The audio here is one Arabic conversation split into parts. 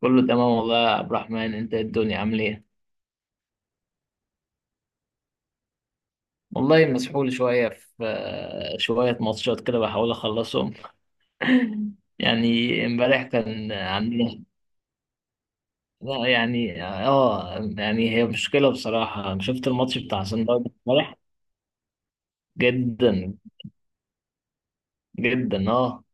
كله تمام والله يا عبد الرحمن، انت إيه؟ الدنيا عامل ايه؟ والله مسحول شويه في شويه ماتشات كده، بحاول اخلصهم يعني. امبارح كان عندنا. لا يعني هي مشكله بصراحه. شفت الماتش بتاع سان داونز امبارح؟ جدا. جدا اه.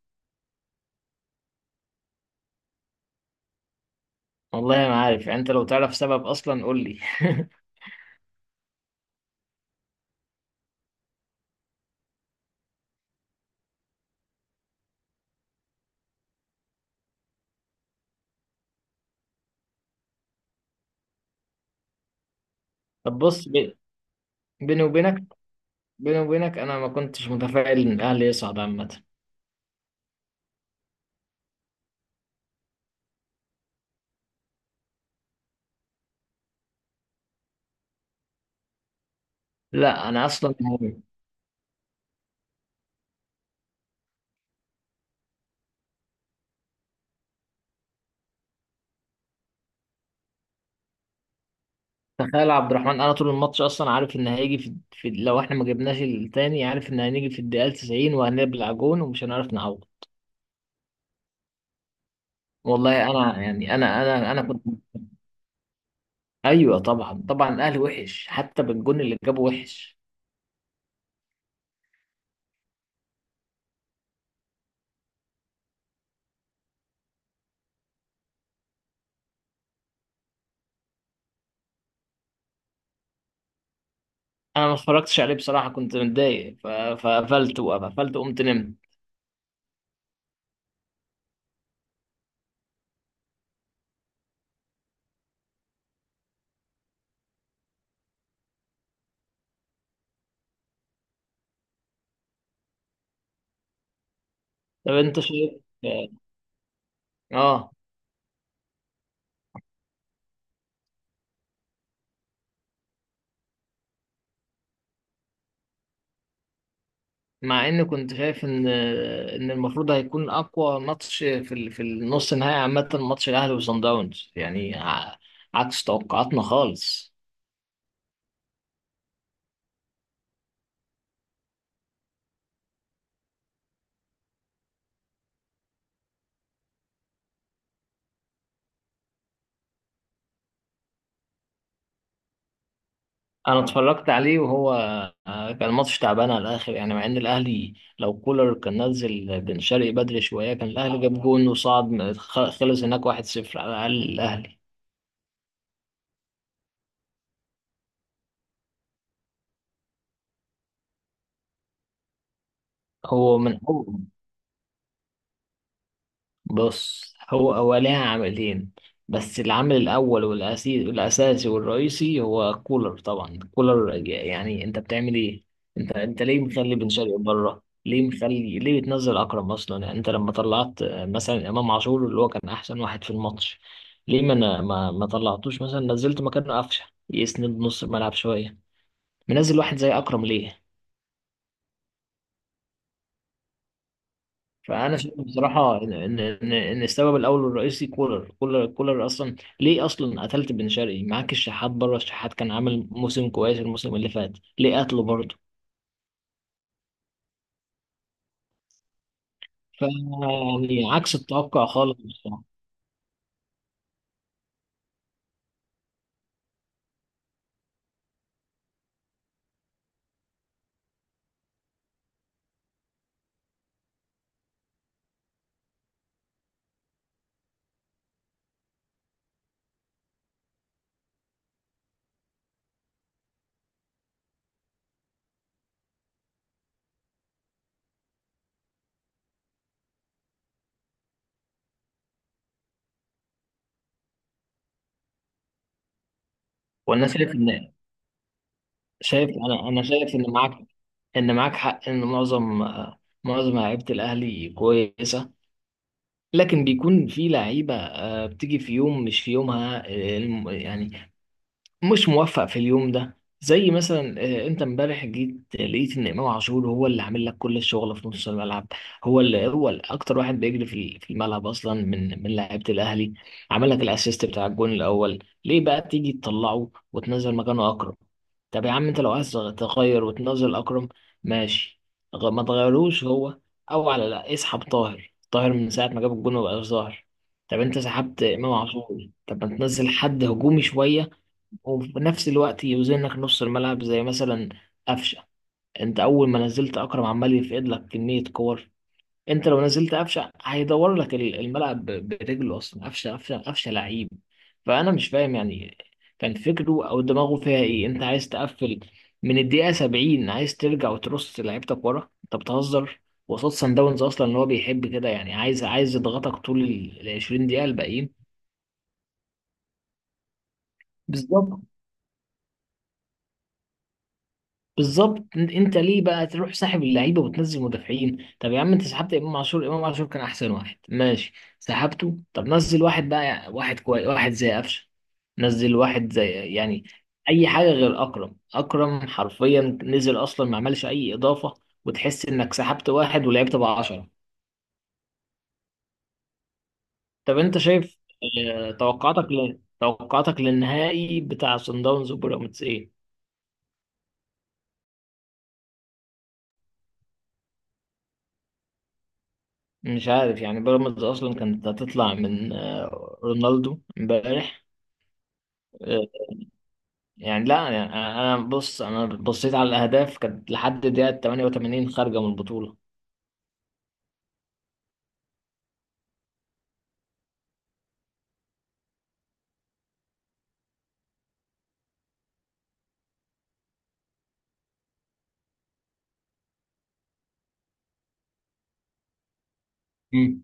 والله ما عارف يعني، انت لو تعرف سبب اصلا قول لي. طب بص، بيني وبينك، بيني وبينك، انا ما كنتش متفائل ان الاهلي يصعد عامه. لا انا اصلا يعني. تخيل يا عبد الرحمن، انا طول الماتش اصلا عارف ان هيجي في، لو احنا ما جبناش التاني عارف ان هنيجي في الدقيقه 90 وهنبلع جون ومش هنعرف نعوض. والله انا يعني انا كنت. ايوه طبعا طبعا، الاهلي وحش حتى بالجون اللي جابه وحش. انا ما اتفرجتش عليه بصراحه، كنت متضايق، فقفلت. وقفلت قمت نمت. طب انت شايف. اه. آه. مع ان كنت شايف ان المفروض هيكون اقوى ماتش في في النص النهائي عامه، ماتش الاهلي وصن داونز، يعني عكس توقعاتنا خالص. انا اتفرجت عليه، وهو كان ماتش تعبان على الاخر يعني. مع ان الاهلي، لو كولر كان نزل بن شرقي بدري شويه، كان الاهلي جاب جون وصعد. خلص هناك 1-0 على الاقل الاهلي. هو من أول، بص، هو ليها عاملين، بس العامل الأول والأساسي والرئيسي هو الكولر طبعا. الكولر، يعني أنت بتعمل إيه؟ أنت ليه مخلي بن شرقي بره؟ ليه مخلي؟ ليه بتنزل أكرم أصلا؟ يعني أنت لما طلعت، مثلا إمام عاشور، اللي هو كان أحسن واحد في الماتش، ليه ما طلعتوش مثلا، نزلت مكانه قفشة يسند نص الملعب شوية؟ منزل واحد زي أكرم ليه؟ فانا شايف بصراحه ان إن السبب الاول والرئيسي كولر كولر كولر، اصلا ليه اصلا قتلت بن شرقي؟ معاك الشحات بره، الشحات كان عامل موسم كويس الموسم اللي فات، ليه قتله برضه؟ ف يعني عكس التوقع خالص بصراحه. وانا شايف ان شايف انا انا شايف ان معاك حق ان معظم معظم لعيبه الاهلي كويسه، لكن بيكون في لعيبه بتيجي في يوم مش في يومها، يعني مش موفق في اليوم ده. زي مثلا، انت امبارح جيت لقيت ان امام عاشور هو اللي عامل لك كل الشغل في نص الملعب. هو اللي اكتر واحد بيجري في الملعب اصلا، من لعيبه الاهلي. عمل لك الاسيست بتاع الجون الاول، ليه بقى تيجي تطلعه وتنزل مكانه اكرم؟ طب يا عم، انت لو عايز تغير وتنزل اكرم، ماشي، ما تغيروش هو، او على لا اسحب طاهر. طاهر من ساعه ما جاب الجون مبقاش ظاهر. طب انت سحبت امام عاشور، طب ما تنزل حد هجومي شويه، وفي نفس الوقت يوزنك نص الملعب، زي مثلا قفشه. انت اول ما نزلت اكرم عمال يفقد لك كميه كور. انت لو نزلت قفشه هيدور لك الملعب برجله اصلا. قفشه قفشه لعيب. فانا مش فاهم يعني كان فكره او دماغه فيها ايه. انت عايز تقفل من الدقيقه 70؟ عايز ترجع وترص لعيبتك ورا؟ انت بتهزر؟ وقصاد سان داونز اصلا، اللي هو بيحب كده يعني، عايز يضغطك طول ال 20 دقيقه الباقيين. بالظبط. بالظبط، انت ليه بقى تروح ساحب اللعيبه وتنزل مدافعين؟ طب يا عم، انت سحبت امام عاشور. امام عاشور كان احسن واحد، ماشي، سحبته، طب نزل واحد بقى، واحد كويس، واحد زي قفشه، نزل واحد زي يعني اي حاجه غير اكرم. اكرم حرفيا نزل اصلا، ما عملش اي اضافه، وتحس انك سحبت واحد ولعبت بقى 10. طب انت شايف، توقعاتك توقعاتك للنهائي بتاع صن داونز وبيراميدز ايه؟ مش عارف يعني. بيراميدز اصلا كانت هتطلع من رونالدو امبارح. آه، يعني لا يعني انا، أنا بص، انا بصيت على الاهداف، كانت لحد دقيقه 88 خارجه من البطوله. مم.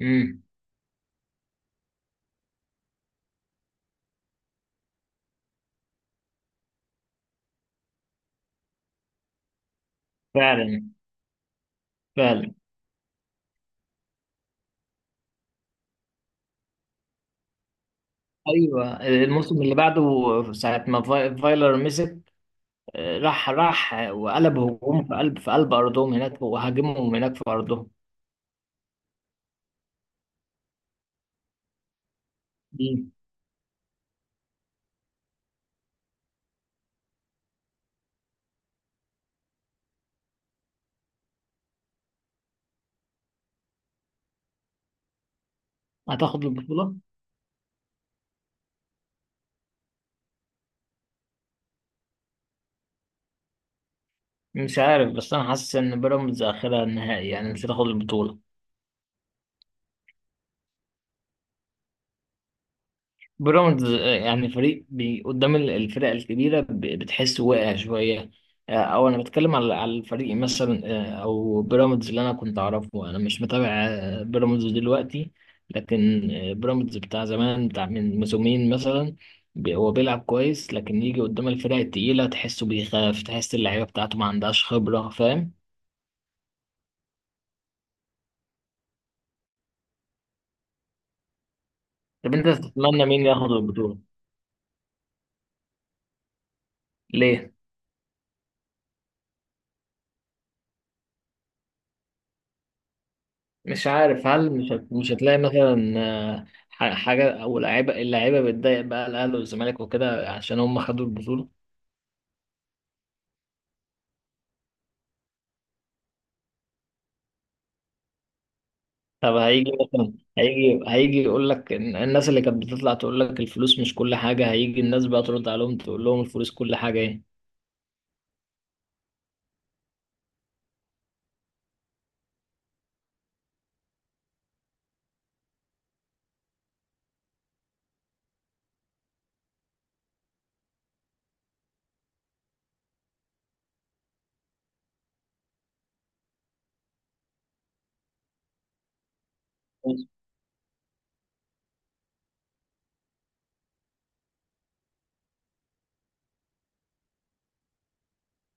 امم. فعلا. فعلا. ايوه الموسم اللي بعده، ساعه ما فايلر مسك، راح وقلب هجوم، في قلب ارضهم هناك، وهاجمهم هناك في ارضهم. مم. هتاخد البطوله. مش عارف، بس انا حاسس ان بيراميدز اخرها النهائي يعني، مش هتاخد البطوله. بيراميدز يعني فريق بي قدام الفرق الكبيرة، بتحس واقع شوية. أو أنا بتكلم على الفريق مثلا. أو بيراميدز اللي أنا كنت أعرفه، أنا مش متابع بيراميدز دلوقتي، لكن بيراميدز بتاع زمان، بتاع من موسمين مثلا، هو بيلعب كويس، لكن يجي قدام الفرق التقيلة تحسه بيخاف، تحس اللعيبة بتاعته ما عندهاش خبرة، فاهم. طب أنت تتمنى مين ياخد البطولة؟ ليه؟ مش عارف، هل مش هتلاقي مثلا حاجة، أو لعيبة، اللعيبة بتضايق بقى الأهلي والزمالك وكده عشان هم خدوا البطولة؟ طب هيجي مثلا، هيجي يقول لك الناس اللي كانت بتطلع تقول لك الفلوس مش كل حاجة، هيجي الناس بقى ترد عليهم تقول لهم الفلوس كل حاجة إيه؟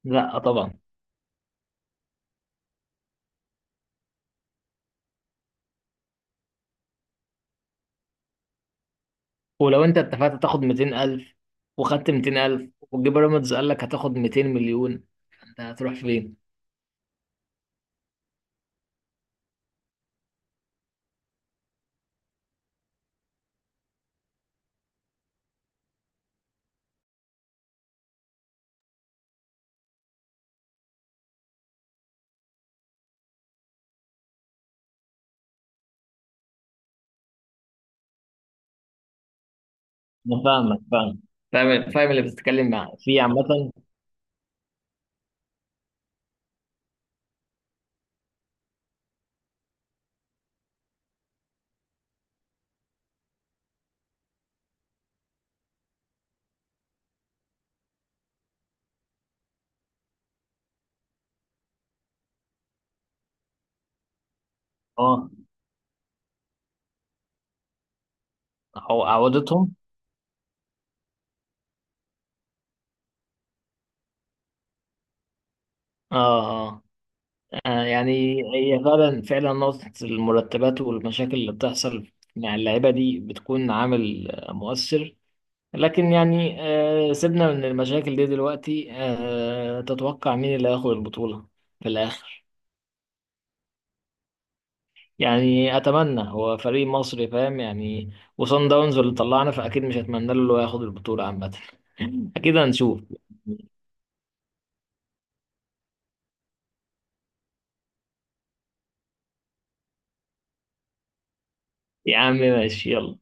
لا طبعا. ولو أنت اتفقت تاخد 200,000 وخدت 200,000، وجه بيراميدز قال لك هتاخد 200 مليون، أنت هتروح فين؟ أنا فاهمك. فاهم. فاهم اللي بتتكلم معاه في عامة. اه. عودتهم. اه. آه. يعني هي فعلا نقطة المرتبات والمشاكل اللي بتحصل مع اللعيبة دي بتكون عامل مؤثر. لكن يعني سيبنا من المشاكل دي دلوقتي. تتوقع مين اللي هياخد البطولة في الآخر؟ يعني أتمنى، هو فريق مصري، فاهم يعني. وصن داونز اللي طلعنا، فأكيد مش هتمنى له إنه ياخد البطولة عامة. أكيد هنشوف. يا عم ماشي يلا.